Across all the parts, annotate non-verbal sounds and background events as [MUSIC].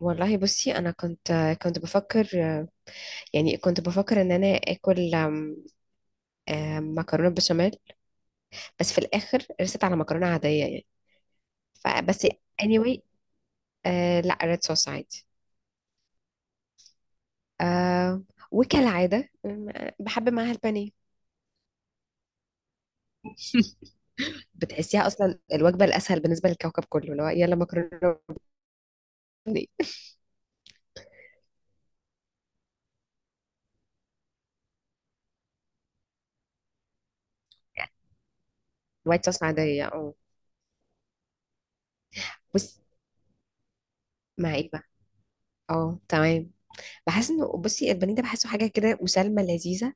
والله، بصي، انا كنت بفكر، يعني كنت بفكر ان انا اكل أم، أم، مكرونه بشاميل. بس في الاخر رست على مكرونه عاديه يعني. فبس anyway. آه، لا ريد صوص عادي. آه. وكالعاده بحب معاها البانيه. [LAUGHS] بتحسيها اصلا الوجبه الاسهل بالنسبه للكوكب كله، اللي هو يلا مكرونه بانيه. وايت صوص عاديه، اه. بص. مع ايه بقى؟ اه، تمام. بحس انه، بصي، البانيه ده بحسه حاجه كده مسالمه لذيذه.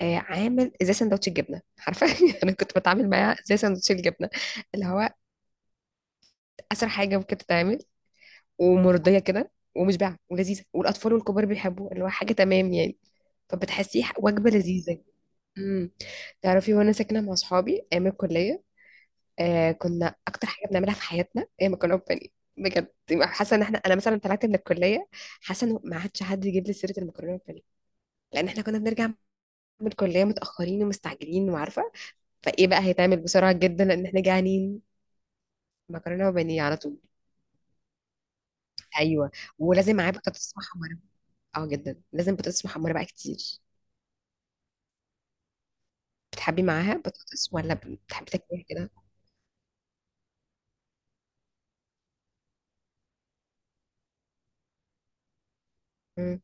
آه، عامل زي سندوتش الجبنه، عارفه؟ [LAUGHS] انا كنت بتعامل معاها زي سندوتش الجبنه، اللي هو اسرع حاجه ممكن تتعمل، ومرضيه كده ومشبعه ولذيذه، والاطفال والكبار بيحبوه، اللي هو حاجه تمام يعني. فبتحسيه وجبه لذيذه. امم تعرفي، وانا ساكنه مع اصحابي ايام الكليه، آه كنا اكتر حاجه بنعملها في حياتنا هي مكرونه بانيه. بجد، يبقى حاسه ان احنا، انا مثلا طلعت من الكليه، حاسه ان ما عادش حد يجيب لي سيره المكرونه بانيه. لان احنا كنا بنرجع من الكليه متاخرين ومستعجلين وعارفه، فايه بقى هيتعمل بسرعه جدا لان احنا جعانين. مكرونه وبانيه على طول. ايوه. ولازم معاه بطاطس محمره. اه جدا، لازم بطاطس محمره بقى كتير. بتحبي معاها بطاطس ولا بتحبي تاكليها كده؟ مم.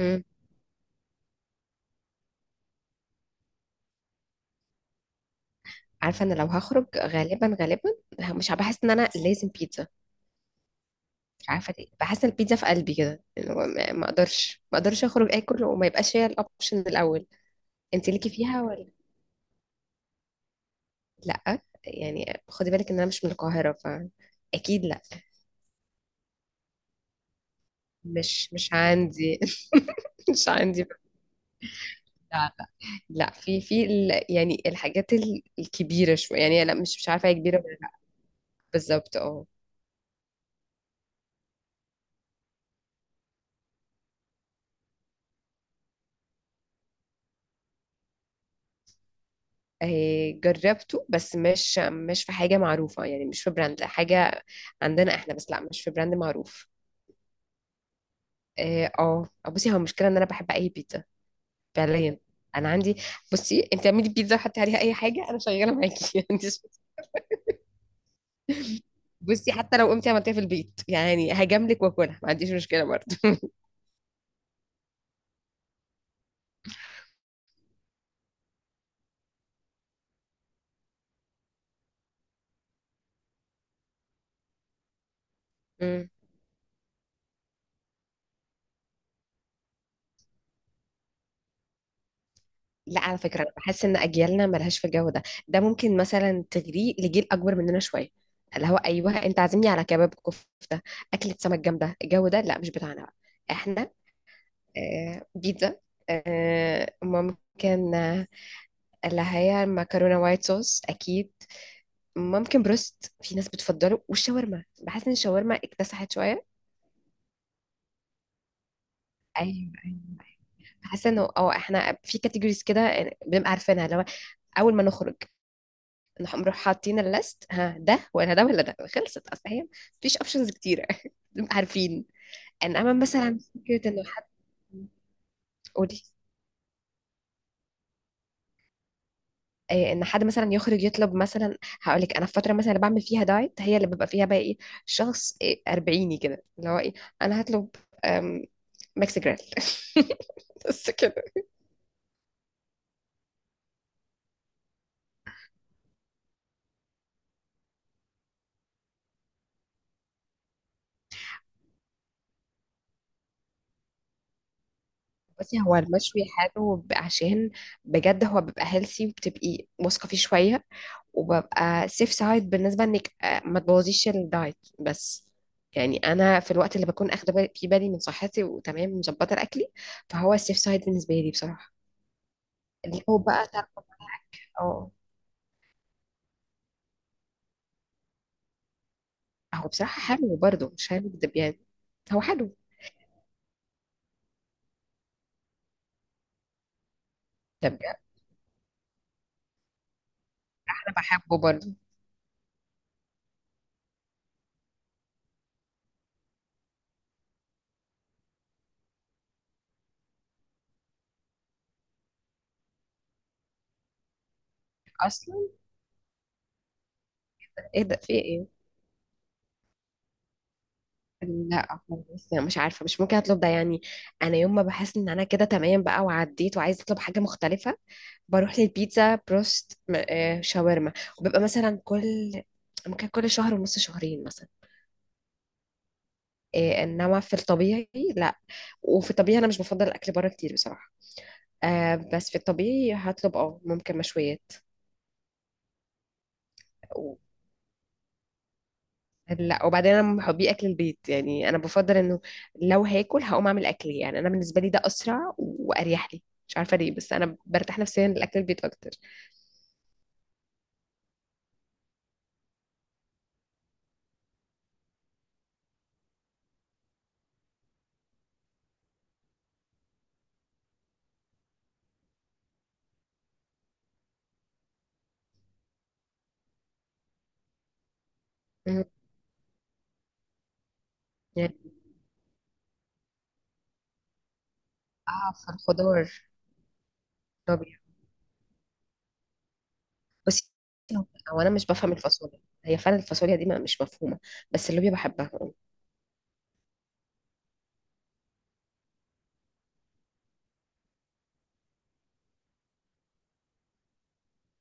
مم. عارفه، انا لو هخرج غالبا غالبا مش بحس ان انا لازم بيتزا. مش عارفه ليه، بحس ان البيتزا في قلبي كده، اللي هو ما اقدرش اخرج اكل وما يبقاش هي الاوبشن الاول. انت ليكي فيها ولا؟ لا يعني، خدي بالك ان انا مش من القاهره، ف اكيد لا. مش عندي. [LAUGHS] مش عندي. لا لا، في يعني الحاجات الكبيرة شوية، يعني لا مش عارفة هي كبيرة ولا لا. بالظبط اه. آه، جربته بس مش في حاجة معروفة يعني، مش في براند، لا حاجة عندنا احنا، بس لا مش في براند معروف. اه. آه. بصي، هو المشكلة ان انا بحب اي بيتزا فعليا. انا عندي، بصي، انت اعملي بيتزا وحطي عليها اي حاجة، انا شغالة معاكي. [LAUGHS] انت، بصي، حتى لو قمتي عملتيها في البيت يعني هجاملك واكلها، ما عنديش مشكلة برضه. لا، على فكرة، أنا بحس إن أجيالنا ملهاش في الجو ده. ده ممكن مثلا تجري لجيل أكبر مننا شوية، اللي هو أيوه أنت عازمني على كباب كفتة، أكلة سمك جامدة. الجو ده لا مش بتاعنا بقى. إحنا، آه، بيتزا، آه ممكن، اللي هي المكرونة وايت صوص أكيد، ممكن بروست، في ناس بتفضله، والشاورما، بحس إن الشاورما اكتسحت شوية. أيوه. أيوه، أيوه. بحس إنه أه إحنا في كاتيجوريز كده، آه، بنبقى عارفينها، اللي هو أول ما نخرج نروح حاطين الليست، ها ده ولا ده ولا ده، خلصت. اصل هي مفيش اوبشنز كتيره. [LAUGHS] بنبقى عارفين. انما مثلا فكره انه حد... قولي. إيه؟ ان حد مثلا يخرج يطلب، مثلا هقول لك انا في فتره مثلا اللي بعمل فيها دايت، هي اللي ببقى فيها بقى ايه، شخص إيه اربعيني كده اللي هو ايه. انا هطلب أم، ميكس جريل. [LAUGHS] بس كده. بس هو المشوي حلو عشان بجد هو بيبقى هيلثي، وبتبقي واثقه فيه شويه، وببقى سيف سايد بالنسبة، انك آه، ما تبوظيش الدايت بس. يعني انا في الوقت اللي بكون اخده في بالي من صحتي وتمام مظبطة اكلي، فهو السيف سايد بالنسبة لي بصراحة. اللي هو بقى تاكل. اه. هو بصراحة حلو برضه، مش هنكدب يعني. هو حلو. طب. انا بحبه برضه. اصلا ايه ده، في ايه؟ لا خالص، انا مش عارفه، مش ممكن اطلب ده يعني. انا يوم ما بحس ان انا كده تمام بقى وعديت وعايزه اطلب حاجه مختلفه، بروح للبيتزا، بروست، شاورما. وببقى مثلا كل، ممكن كل شهر ونص، شهرين مثلا. آه، انما في الطبيعي لا. وفي الطبيعي انا مش بفضل الاكل بره كتير بصراحه. آه، بس في الطبيعي هطلب اه، ممكن مشويات و- لا. وبعدين انا من محبي اكل البيت يعني، انا بفضل انه لو هاكل هقوم اعمل اكلي. يعني انا بالنسبه لي ده اسرع واريح لي، مش عارفه ليه، بس انا برتاح نفسيا لاكل البيت اكتر. مم. يعني. اه، في الخضار. بس هو انا مش بفهم الفاصوليا، هي فعلا الفاصوليا دي مش مفهومه، بس اللوبيا بحبها.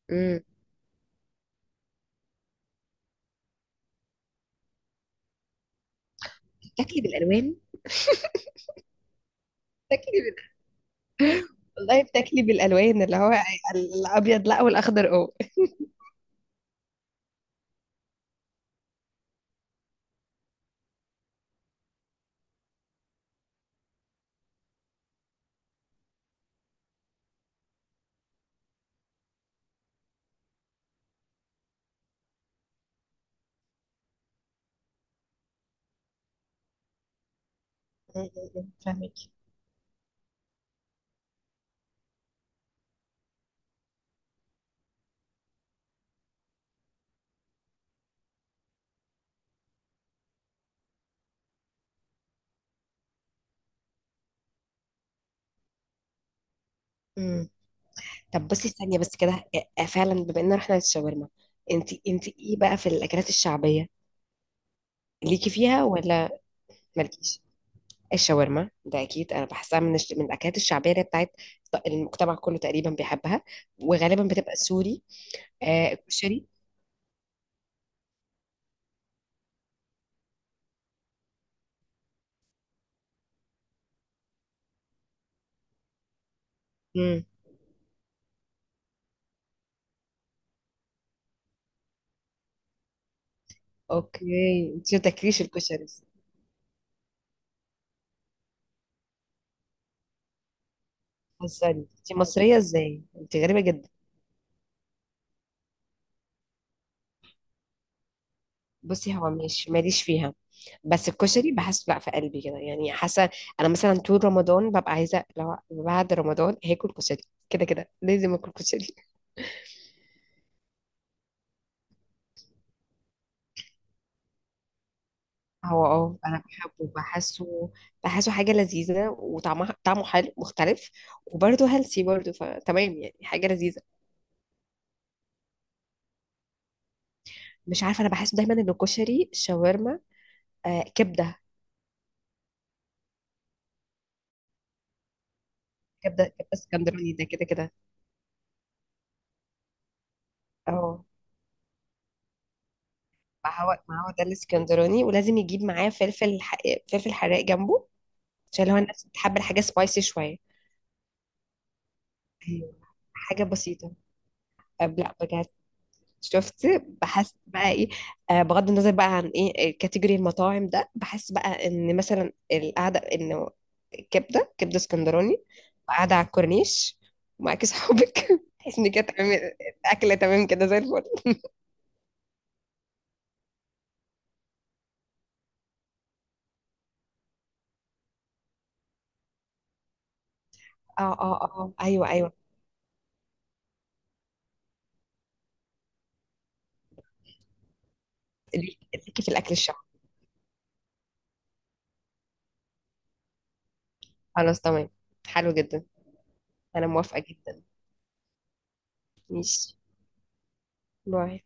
امم. بتاكلي بالالوان؟ بتاكلي بال... والله بتاكلي بالالوان، اللي هو الابيض لا والاخضر اه. مم، مم، فاهمك. مم. طب بصي ثانيه بس كده. آه، فعلا، بما ان احنا الشاورما، انت انت ايه بقى في الاكلات الشعبيه؟ ليكي فيها ولا مالكيش؟ الشاورما ده اكيد انا بحسها من من الاكلات الشعبيه، اللي هي بتاعت المجتمع كله تقريبا بيحبها. وغالبا بتبقى سوري. آه الكشري. اوكي، انت ما تاكليش الكشري؟ بتهزري؟ انت مصريه ازاي؟ انت غريبه جدا. بصي هو مش ماليش فيها، بس الكشري بحسه لا في قلبي كده يعني، حاسه انا مثلا طول رمضان ببقى عايزه، لو بعد رمضان هاكل كشري، كده كده لازم اكل كشري. [LAUGHS] هو اه انا بحبه، بحسه، بحسه حاجه لذيذه وطعمها طعمه حلو مختلف، وبرده هيلثي برده، فتمام يعني، حاجه لذيذه. مش عارفه، انا بحس دايما ان الكشري، شاورما، آه كبده اسكندراني ده كده كده. اه، ما هو ده الاسكندراني، ولازم يجيب معاه فلفل فلفل حراق جنبه، عشان هو الناس بتحب الحاجة سبايسي شوية. ايوه. حاجة بسيطة. لا بجد. شفت؟ بحس بقى ايه، آه، بغض النظر بقى عن ايه كاتيجوري المطاعم ده، بحس بقى ان مثلا القعدة انه كبدة، كبدة اسكندراني، وقاعدة على الكورنيش ومعاكي صحابك، [LAUGHS] تحس ان كده تمام. الأكلة تمام كده زي الفل. اه اه اه، ايوه ايوه. ليك- ليكي في الأكل الشعبي؟ خلاص، تمام، حلو جدا. انا موافقة جدا. ماشي. باي.